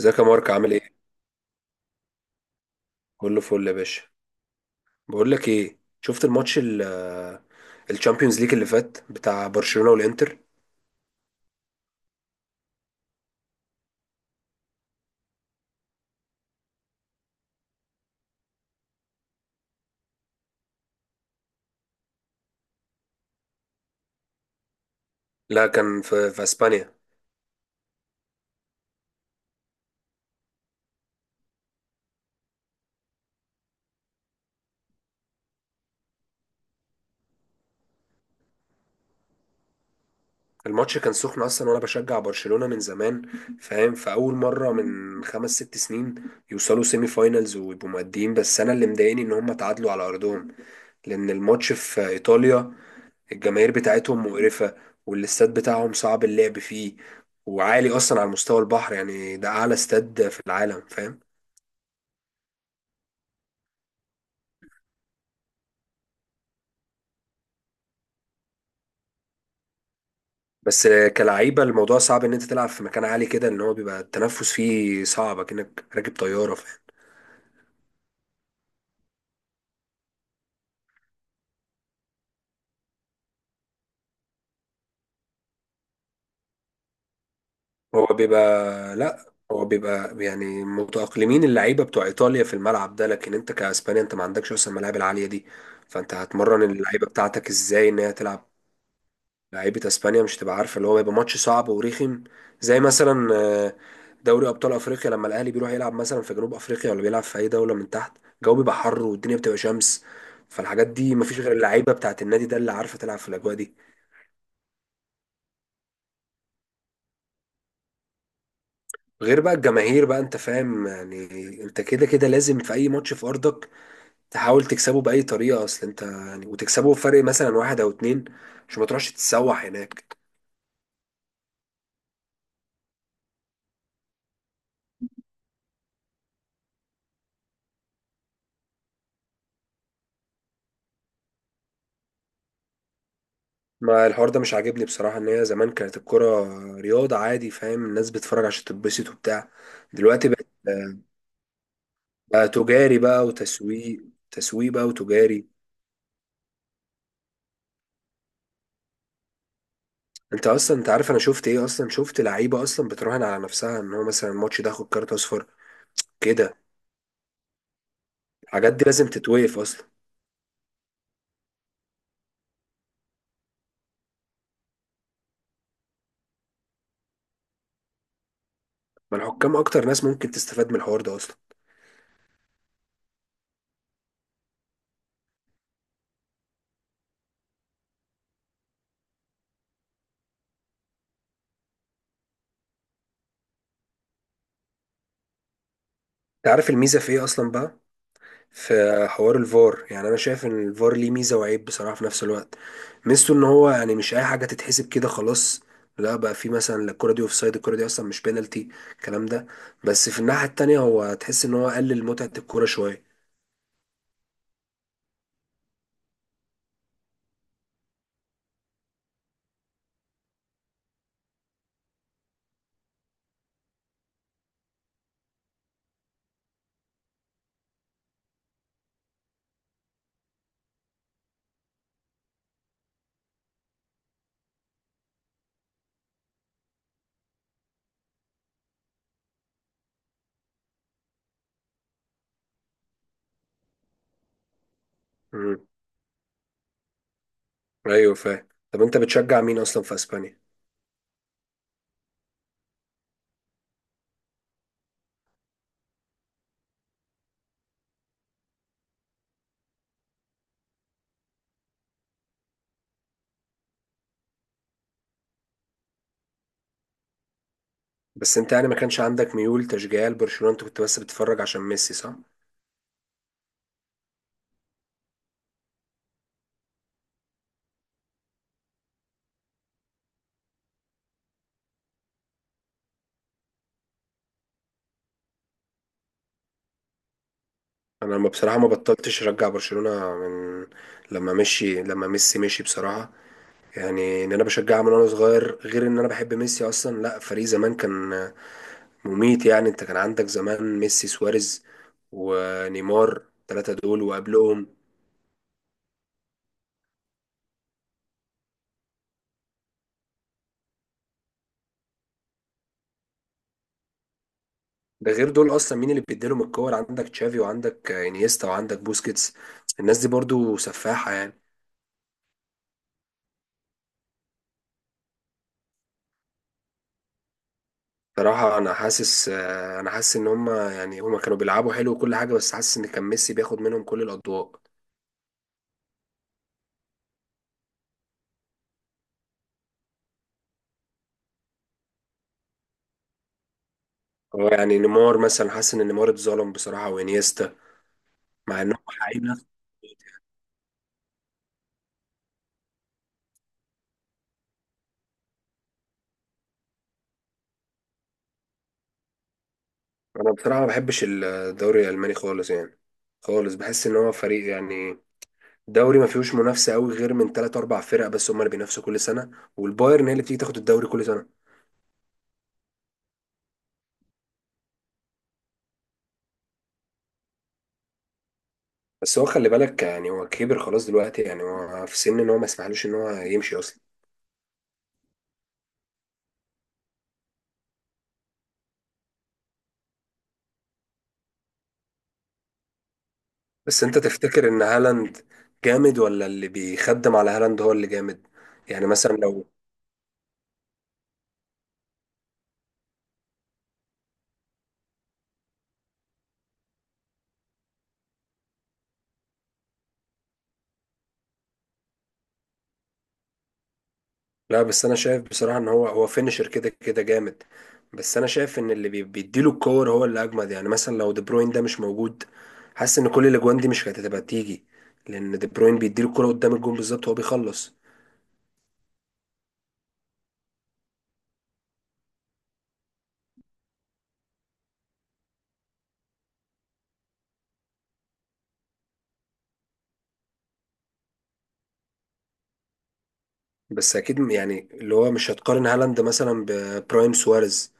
ازيك يا مارك، عامل ايه؟ كله فل يا باشا. بقول لك ايه، شفت الماتش الشامبيونز ليج اللي فات بتاع برشلونة والانتر؟ لا، كان في اسبانيا. الماتش كان سخن اصلا، وانا بشجع برشلونة من زمان، فاهم؟ فاول مرة من 5 6 سنين يوصلوا سيمي فاينلز ويبقوا مقدمين، بس انا اللي مضايقني ان هم تعادلوا على ارضهم، لان الماتش في ايطاليا. الجماهير بتاعتهم مقرفة، والاستاد بتاعهم صعب اللعب فيه، وعالي اصلا على مستوى البحر. يعني ده اعلى استاد في العالم، فاهم؟ بس كلعيبة، الموضوع صعب ان انت تلعب في مكان عالي كده، ان هو بيبقى التنفس فيه صعب كأنك راكب طيارة، فاهم؟ هو بيبقى لا، هو بيبقى يعني متأقلمين اللعيبة بتوع ايطاليا في الملعب ده، لكن انت كاسبانيا انت ما عندكش اصلا الملاعب العالية دي. فانت هتمرن اللعيبة بتاعتك ازاي ان هي تلعب؟ لعيبه اسبانيا مش هتبقى عارفه، اللي هو هيبقى ماتش صعب ورخم. زي مثلا دوري ابطال افريقيا، لما الاهلي بيروح يلعب مثلا في جنوب افريقيا، ولا بيلعب في اي دوله من تحت. الجو بيبقى حر والدنيا بتبقى شمس، فالحاجات دي مفيش غير اللعيبه بتاعه النادي ده اللي عارفه تلعب في الاجواء دي. غير بقى الجماهير بقى، انت فاهم يعني. انت كده كده لازم في اي ماتش في ارضك تحاول تكسبه باي طريقه، اصل انت يعني وتكسبه بفرق مثلا 1 او 2، عشان ما تروحش تتسوح هناك. ما الحوار ده مش عاجبني بصراحة. ان هي زمان كانت الكرة رياضة عادي، فاهم؟ الناس بتتفرج عشان تتبسط وبتاع. دلوقتي بقت بقى تجاري بقى وتسويق، تسويق بقى وتجاري. انت اصلا، انت عارف انا شفت ايه اصلا؟ شفت لعيبة اصلا بتراهن على نفسها ان هو مثلا الماتش ده ياخد كارت اصفر، كده. الحاجات دي لازم تتوقف اصلا. ما الحكام اكتر ناس ممكن تستفاد من الحوار ده اصلا. انت عارف الميزة في ايه اصلا بقى؟ في حوار الفار. يعني انا شايف ان الفار ليه ميزه وعيب بصراحه في نفس الوقت. ميزته ان هو يعني مش اي حاجه تتحسب كده خلاص. لا بقى، في مثلا لا الكره دي اوف سايد، الكره دي اصلا مش بينالتي، الكلام ده. بس في الناحيه التانية، هو تحس ان هو قلل متعه الكوره شويه. امم ايوه، فاهم. طب انت بتشجع مين اصلا في اسبانيا؟ بس انت يعني ما كانش عندك ميول تشجيعيه لبرشلونه؟ انت كنت بس بتتفرج عشان ميسي، صح؟ انا ما بصراحه ما بطلتش اشجع برشلونه من لما ميسي مشي، بصراحه. يعني ان انا بشجعها من وانا صغير، غير ان انا بحب ميسي اصلا. لا، فريق زمان كان مميت يعني. انت كان عندك زمان ميسي، سواريز، ونيمار، 3 دول، وقبلهم ده، غير دول اصلا مين اللي بيديلهم الكور؟ عندك تشافي، وعندك انيستا، وعندك بوسكيتس. الناس دي برضو سفاحة يعني. صراحة انا حاسس ان هم كانوا بيلعبوا حلو وكل حاجة، بس حاسس ان كان ميسي بياخد منهم كل الاضواء. هو يعني نيمار مثلا، حاسس ان نيمار اتظلم بصراحة، وانيستا مع انهم حقيقي. انا بصراحه ما بحبش الدوري الالماني خالص يعني، خالص. بحس ان هو فريق يعني، دوري ما فيهوش منافسه قوي غير من 3 4 فرق بس، هم اللي بينافسوا كل سنه، والبايرن هي اللي بتيجي تاخد الدوري كل سنه. بس هو خلي بالك يعني، هو كبر خلاص دلوقتي، يعني هو في سن ان هو ما يسمحلوش ان هو يمشي اصلا. بس انت تفتكر ان هالاند جامد، ولا اللي بيخدم على هالاند هو اللي جامد؟ يعني مثلا لو، لا بس انا شايف بصراحه ان هو فينشر كده كده جامد. بس انا شايف ان اللي بيديله الكور هو اللي اجمد. يعني مثلا لو دي بروين ده مش موجود، حاسس ان كل الاجوان دي مش كانت هتبقى تيجي، لان دي بروين بيديله الكوره قدام الجون بالظبط، هو بيخلص. بس اكيد يعني اللي هو مش هتقارن هالاند مثلا ببرايم سواريز.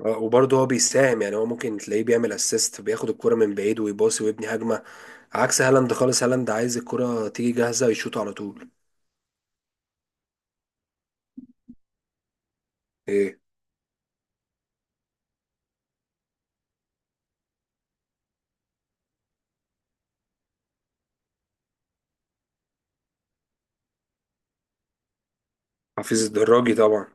وبرضه هو بيساهم يعني، هو ممكن تلاقيه بيعمل اسيست، بياخد الكرة من بعيد ويباصي ويبني هجمة، عكس هالاند خالص. هالاند عايز الكرة تيجي جاهزة يشوط على طول. ايه، حفيظ الدراجي طبعا.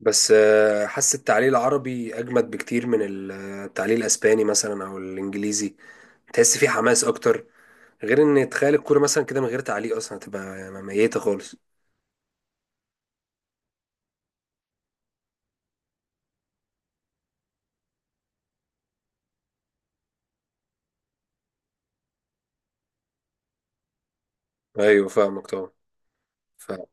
بس حاسس التعليق العربي اجمد بكتير من التعليق الاسباني مثلا او الانجليزي، تحس فيه حماس اكتر. غير ان تخيل الكوره مثلا كده من غير تعليق اصلا، هتبقى يعني ميته خالص. ايوه، فاهمك طبعا. فاهم.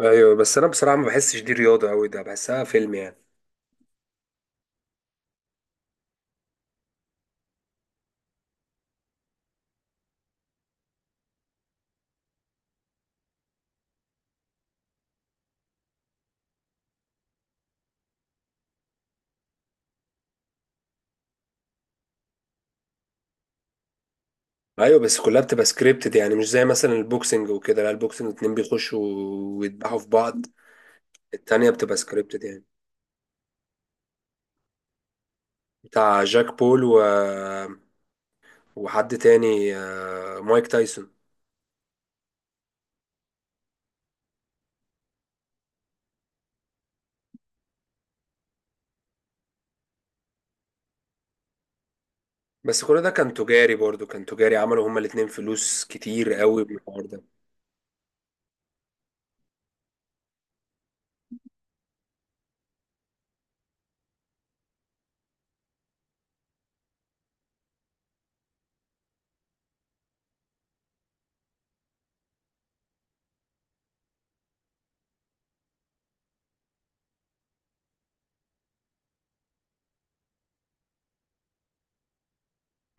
ايوه، بس انا بصراحه ما بحسش دي رياضه قوي، ده بحسها فيلم يعني. ايوه بس كلها بتبقى سكريبتد، يعني مش زي مثلا البوكسنج وكده. لا، البوكسنج 2 بيخشوا ويدبحوا في بعض. التانية بتبقى سكريبتد يعني. بتاع جاك بول وحد تاني، مايك تايسون. بس كل ده كان تجاري برضو، كان تجاري، عملوا هما الاتنين فلوس كتير قوي من الحوار ده.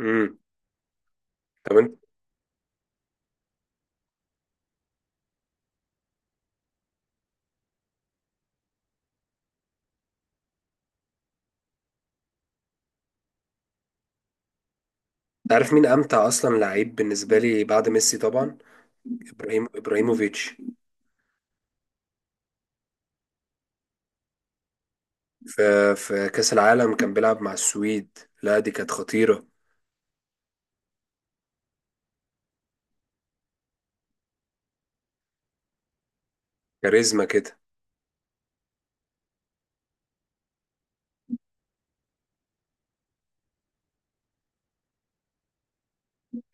امم طب انت عارف مين امتع اصلا لعيب بالنسبه لي بعد ميسي طبعا؟ ابراهيم ابراهيموفيتش. في في كاس العالم كان بيلعب مع السويد. لا دي كانت خطيره. كاريزما كده.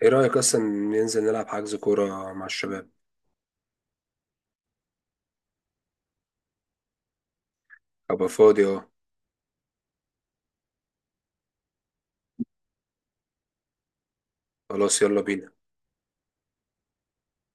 ايه رايك اصلا ننزل نلعب، حجز كوره مع الشباب؟ ابقى فاضي، اه. خلاص، يلا بينا.